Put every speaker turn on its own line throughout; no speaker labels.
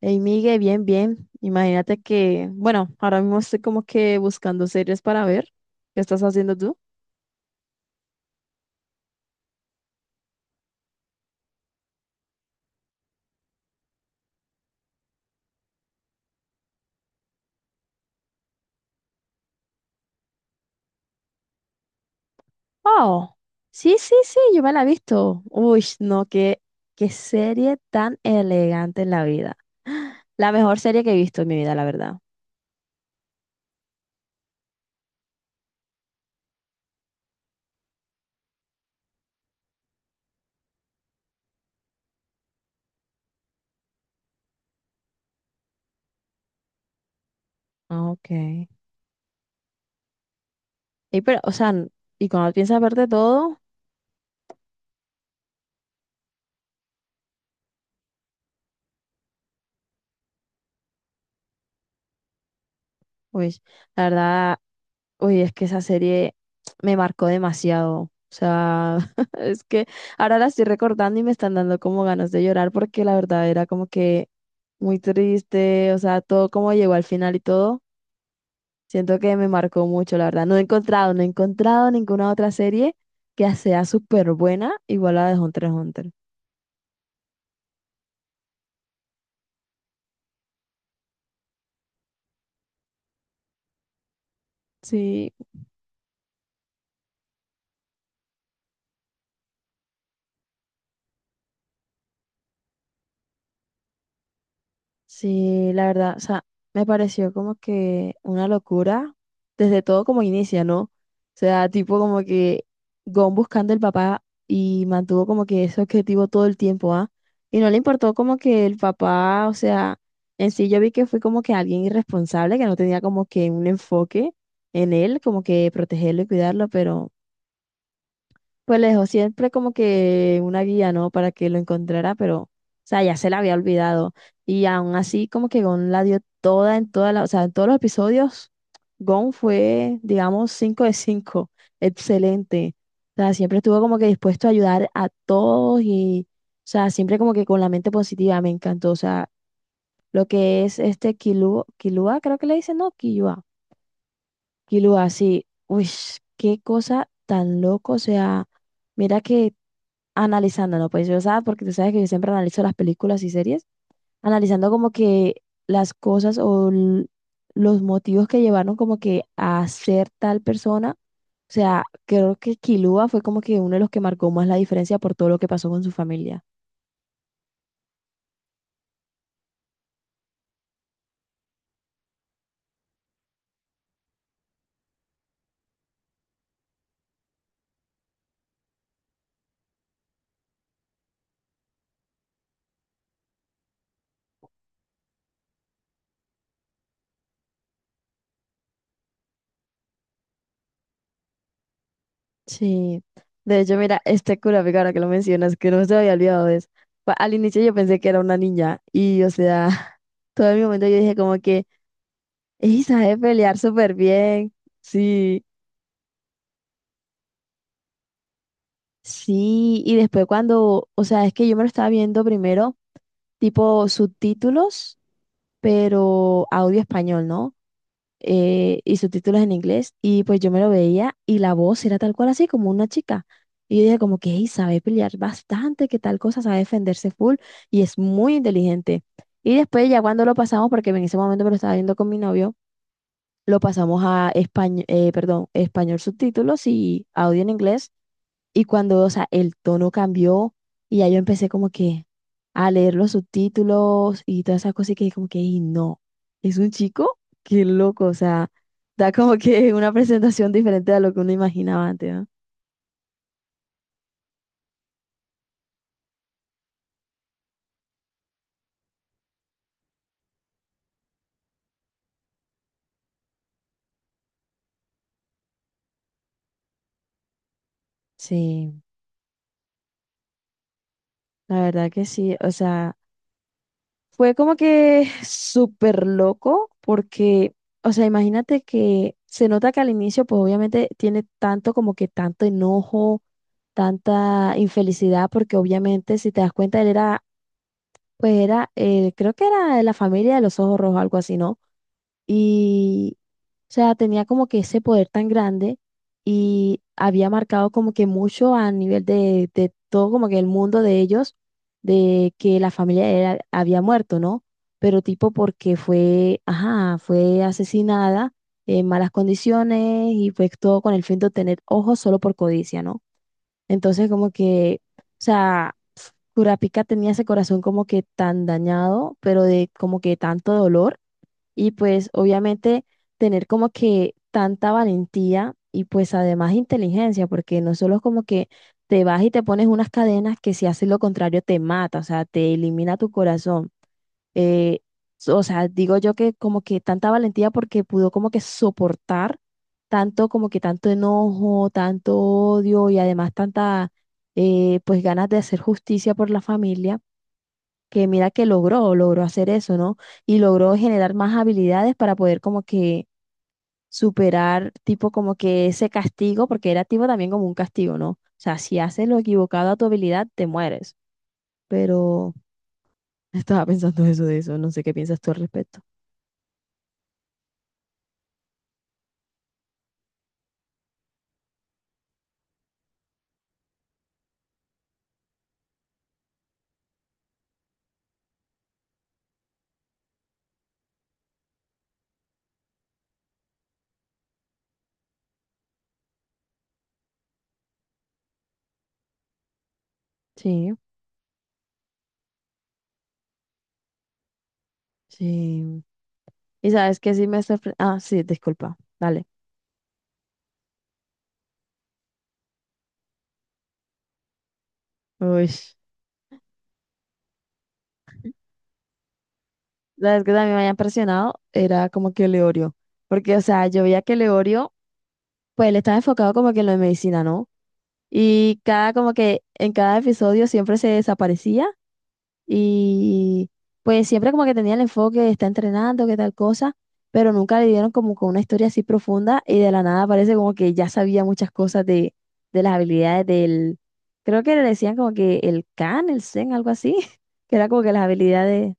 Hey, Miguel, bien, bien. Imagínate que, bueno, ahora mismo estoy como que buscando series para ver. ¿Qué estás haciendo tú? Oh, sí, sí, sí, yo me la he visto. Uy, no, qué serie tan elegante en la vida. La mejor serie que he visto en mi vida, la verdad. Ah, ok. Y pero, o sea, ¿y cuando piensas verte todo? Uy, la verdad, uy, es que esa serie me marcó demasiado. O sea, es que ahora la estoy recordando y me están dando como ganas de llorar, porque la verdad era como que muy triste. O sea, todo como llegó al final y todo, siento que me marcó mucho, la verdad. No he encontrado ninguna otra serie que sea súper buena igual a la de Hunter x Hunter. Sí. Sí, la verdad, o sea, me pareció como que una locura desde todo como inicia, ¿no? O sea, tipo como que Gon buscando el papá y mantuvo como que ese objetivo todo el tiempo, ¿ah? Y no le importó como que el papá. O sea, en sí yo vi que fue como que alguien irresponsable, que no tenía como que un enfoque en él, como que protegerlo y cuidarlo, pero pues le dejó siempre como que una guía, ¿no? Para que lo encontrara. Pero, o sea, ya se la había olvidado. Y aún así, como que Gon la dio toda en toda la, o sea, en todos los episodios. Gon fue, digamos, 5 de cinco. Excelente. O sea, siempre estuvo como que dispuesto a ayudar a todos y, o sea, siempre como que con la mente positiva. Me encantó. O sea, lo que es este Kilua, Kilua, creo que le dicen, no, Kilua. Kilua, sí. Uy, qué cosa tan loco, o sea. Mira que analizándolo, pues yo, o porque tú sabes que yo siempre analizo las películas y series, analizando como que las cosas o los motivos que llevaron como que a ser tal persona. O sea, creo que Kilua fue como que uno de los que marcó más la diferencia por todo lo que pasó con su familia. Sí, de hecho, mira, este Kurapika, ahora que lo mencionas, que no se me había olvidado de eso. Al inicio yo pensé que era una niña y, o sea, todo el momento yo dije como que, ella sabe pelear súper bien, sí. Sí, y después cuando, o sea, es que yo me lo estaba viendo primero, tipo subtítulos, pero audio español, ¿no? Y subtítulos en inglés, y pues yo me lo veía y la voz era tal cual así, como una chica. Y yo dije como que, "Ey, sabe pelear bastante, que tal cosa, sabe defenderse full, y es muy inteligente". Y después ya cuando lo pasamos, porque en ese momento me lo estaba viendo con mi novio, lo pasamos a español, perdón, español subtítulos y audio en inglés. Y cuando, o sea, el tono cambió, y ya yo empecé como que a leer los subtítulos y todas esas cosas y que como que, y no, es un chico. Qué loco, o sea, da como que una presentación diferente a lo que uno imaginaba antes, ¿no? Sí, la verdad que sí. O sea, fue como que súper loco porque, o sea, imagínate que se nota que al inicio, pues obviamente tiene tanto como que tanto enojo, tanta infelicidad, porque obviamente si te das cuenta él era, pues era, creo que era de la familia de los ojos rojos, algo así, ¿no? Y, o sea, tenía como que ese poder tan grande y había marcado como que mucho a nivel de todo como que el mundo de ellos, de que la familia de él había muerto, ¿no? Pero tipo porque fue, ajá, fue asesinada en malas condiciones, y fue todo con el fin de obtener ojos solo por codicia, ¿no? Entonces como que, o sea, Kurapika tenía ese corazón como que tan dañado, pero de como que tanto dolor. Y pues obviamente tener como que tanta valentía y pues además inteligencia, porque no solo es como que te vas y te pones unas cadenas que si haces lo contrario te mata, o sea, te elimina tu corazón. eh, so, o sea, digo yo que como que tanta valentía, porque pudo como que soportar tanto, como que tanto enojo, tanto odio y además tanta, pues ganas de hacer justicia por la familia, que mira que logró hacer eso, ¿no? Y logró generar más habilidades para poder como que superar tipo como que ese castigo, porque era tipo también como un castigo, ¿no? O sea, si haces lo equivocado a tu habilidad, te mueres. Pero estaba pensando eso de eso, no sé qué piensas tú al respecto. Sí. Sí. Y sabes que sí me sorprendió. Ah, sí, disculpa. Dale. Uy. Sabes que también me había impresionado. Era como que Leorio. Porque, o sea, yo veía que Leorio, pues él estaba enfocado como que en lo de medicina, ¿no? Y cada, como que en cada episodio siempre se desaparecía. Y pues siempre como que tenía el enfoque de está entrenando, que tal cosa, pero nunca le dieron como con una historia así profunda, y de la nada parece como que ya sabía muchas cosas de las habilidades del, creo que le decían como que el can el Zen, algo así, que era como que las habilidades,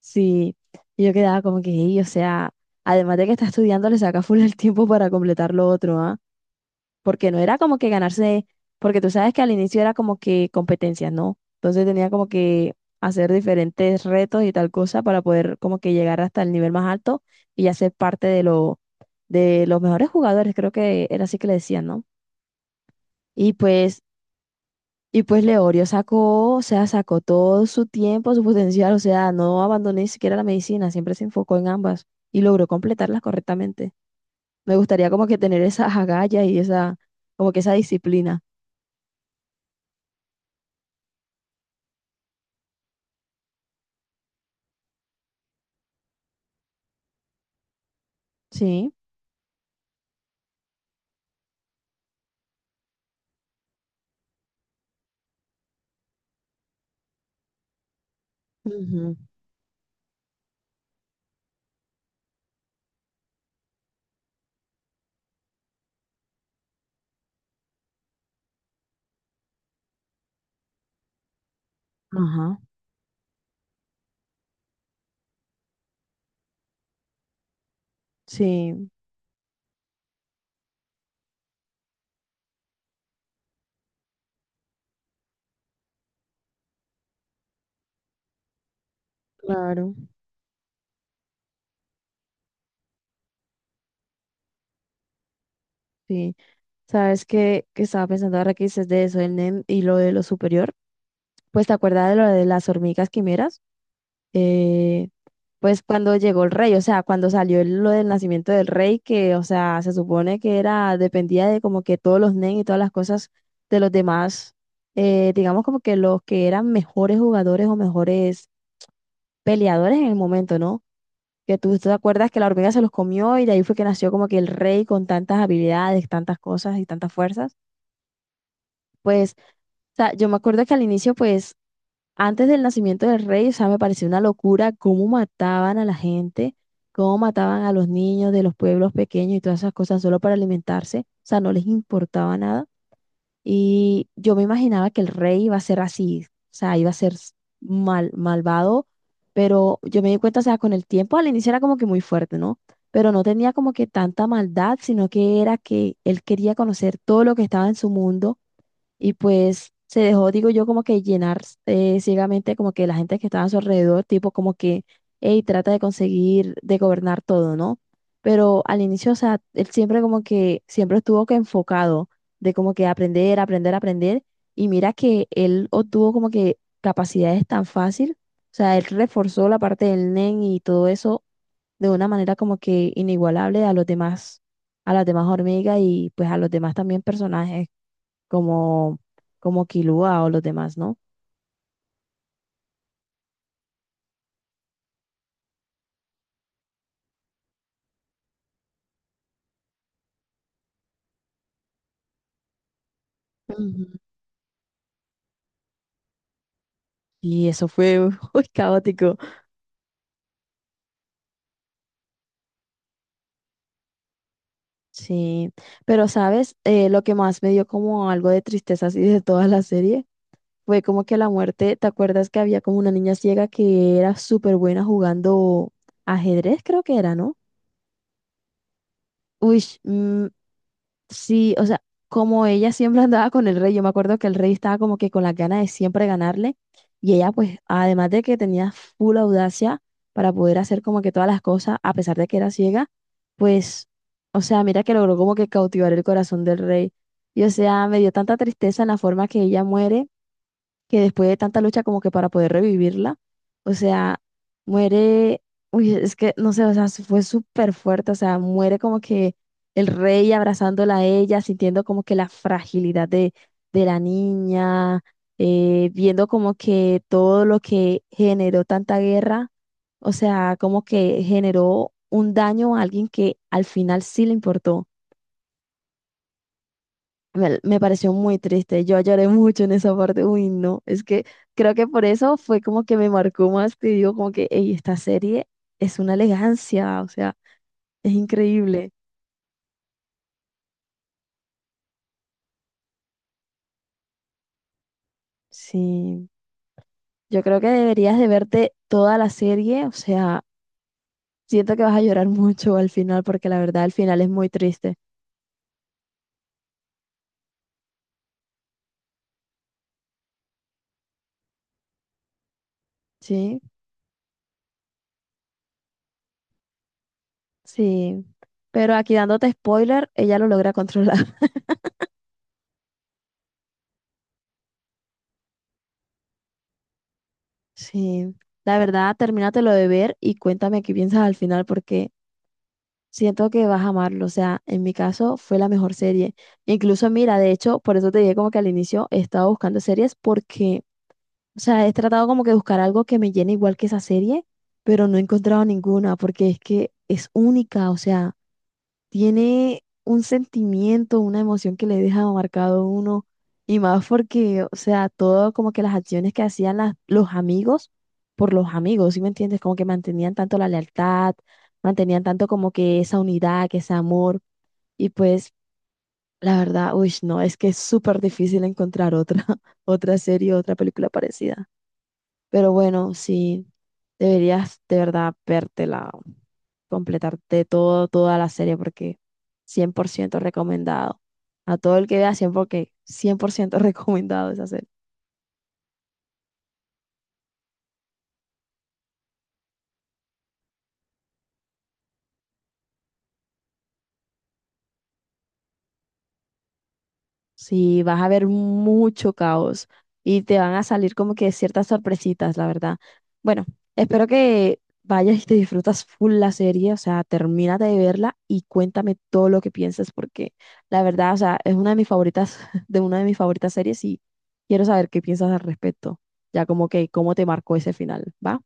sí, y yo quedaba como que, "Ey, o sea, además de que está estudiando, le saca full el tiempo para completar lo otro, ¿ah?". Porque no era como que ganarse, porque tú sabes que al inicio era como que competencias, ¿no? Entonces tenía como que hacer diferentes retos y tal cosa para poder como que llegar hasta el nivel más alto y hacer parte de los mejores jugadores, creo que era así que le decían, ¿no? Y pues, y pues Leorio sacó, o sea, sacó todo su tiempo, su potencial. O sea, no abandonó ni siquiera la medicina, siempre se enfocó en ambas y logró completarlas correctamente. Me gustaría como que tener esa agallas y esa, como que esa disciplina. Sí. Ujú, ajá, sí, claro, sí. Sabes que estaba pensando ahora que dices de eso, el NEM y lo de lo superior. Pues te acuerdas de lo de las hormigas quimeras. Eh, pues cuando llegó el rey, o sea, cuando salió lo del nacimiento del rey, que, o sea, se supone que era, dependía de como que todos los NEM y todas las cosas de los demás, digamos como que los que eran mejores jugadores o mejores peleadores en el momento, ¿no? Que tú te acuerdas que la hormiga se los comió, y de ahí fue que nació como que el rey con tantas habilidades, tantas cosas y tantas fuerzas. Pues, o sea, yo me acuerdo que al inicio, pues, antes del nacimiento del rey, o sea, me pareció una locura cómo mataban a la gente, cómo mataban a los niños de los pueblos pequeños y todas esas cosas solo para alimentarse. O sea, no les importaba nada. Y yo me imaginaba que el rey iba a ser así, o sea, iba a ser malvado, pero yo me di cuenta, o sea, con el tiempo al inicio era como que muy fuerte, ¿no? Pero no tenía como que tanta maldad, sino que era que él quería conocer todo lo que estaba en su mundo, y pues se dejó, digo yo, como que llenar ciegamente como que la gente que estaba a su alrededor, tipo como que, hey, trata de conseguir, de gobernar todo, ¿no? Pero al inicio, o sea, él siempre como que, siempre estuvo que enfocado de como que aprender, aprender, aprender, y mira que él obtuvo como que capacidades tan fácil. O sea, él reforzó la parte del NEN y todo eso de una manera como que inigualable a los demás, a las demás hormigas, y pues a los demás también personajes como, como Kilua o los demás, ¿no? Ujú. Y eso fue muy caótico. Sí, pero sabes, lo que más me dio como algo de tristeza así de toda la serie fue como que la muerte. ¿Te acuerdas que había como una niña ciega que era súper buena jugando ajedrez, creo que era, ¿no? Uy, mm, sí, o sea, como ella siempre andaba con el rey. Yo me acuerdo que el rey estaba como que con las ganas de siempre ganarle, y ella pues, además de que tenía full audacia para poder hacer como que todas las cosas, a pesar de que era ciega, pues, o sea, mira que logró como que cautivar el corazón del rey. Y o sea, me dio tanta tristeza en la forma que ella muere, que después de tanta lucha como que para poder revivirla, o sea, muere. Uy, es que no sé, o sea, fue súper fuerte. O sea, muere como que el rey abrazándola a ella, sintiendo como que la fragilidad de la niña, viendo como que todo lo que generó tanta guerra. O sea, como que generó un daño a alguien que al final sí le importó. Me pareció muy triste, yo lloré mucho en esa parte. Uy, no, es que creo que por eso fue como que me marcó más. Te digo como que, "Ey, esta serie es una elegancia, o sea, es increíble". Sí, yo creo que deberías de verte toda la serie. O sea, siento que vas a llorar mucho al final porque la verdad el final es muy triste, sí, sí, pero aquí dándote spoiler, ella lo logra controlar. Sí, la verdad, termínatelo de ver y cuéntame qué piensas al final, porque siento que vas a amarlo. O sea, en mi caso fue la mejor serie. Incluso, mira, de hecho, por eso te dije como que al inicio he estado buscando series, porque, o sea, he tratado como que buscar algo que me llene igual que esa serie, pero no he encontrado ninguna, porque es que es única. O sea, tiene un sentimiento, una emoción que le deja marcado a uno. Y más porque, o sea, todo como que las acciones que hacían los amigos por los amigos, ¿sí me entiendes? Como que mantenían tanto la lealtad, mantenían tanto como que esa unidad, que ese amor, y pues la verdad, uy, no, es que es súper difícil encontrar otra, otra serie, otra película parecida. Pero bueno, sí, deberías de verdad vértela, completarte todo, toda la serie, porque 100% recomendado. A todo el que vea, cien por ciento recomendado esa serie. Sí, vas a ver mucho caos y te van a salir como que ciertas sorpresitas, la verdad. Bueno, espero que vayas y te disfrutas full la serie. O sea, termínate de verla y cuéntame todo lo que piensas, porque la verdad, o sea, es una de mis favoritas, de una de mis favoritas series, y quiero saber qué piensas al respecto, ya como que cómo te marcó ese final, ¿va?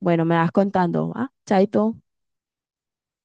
Bueno, me vas contando, va. Chaito.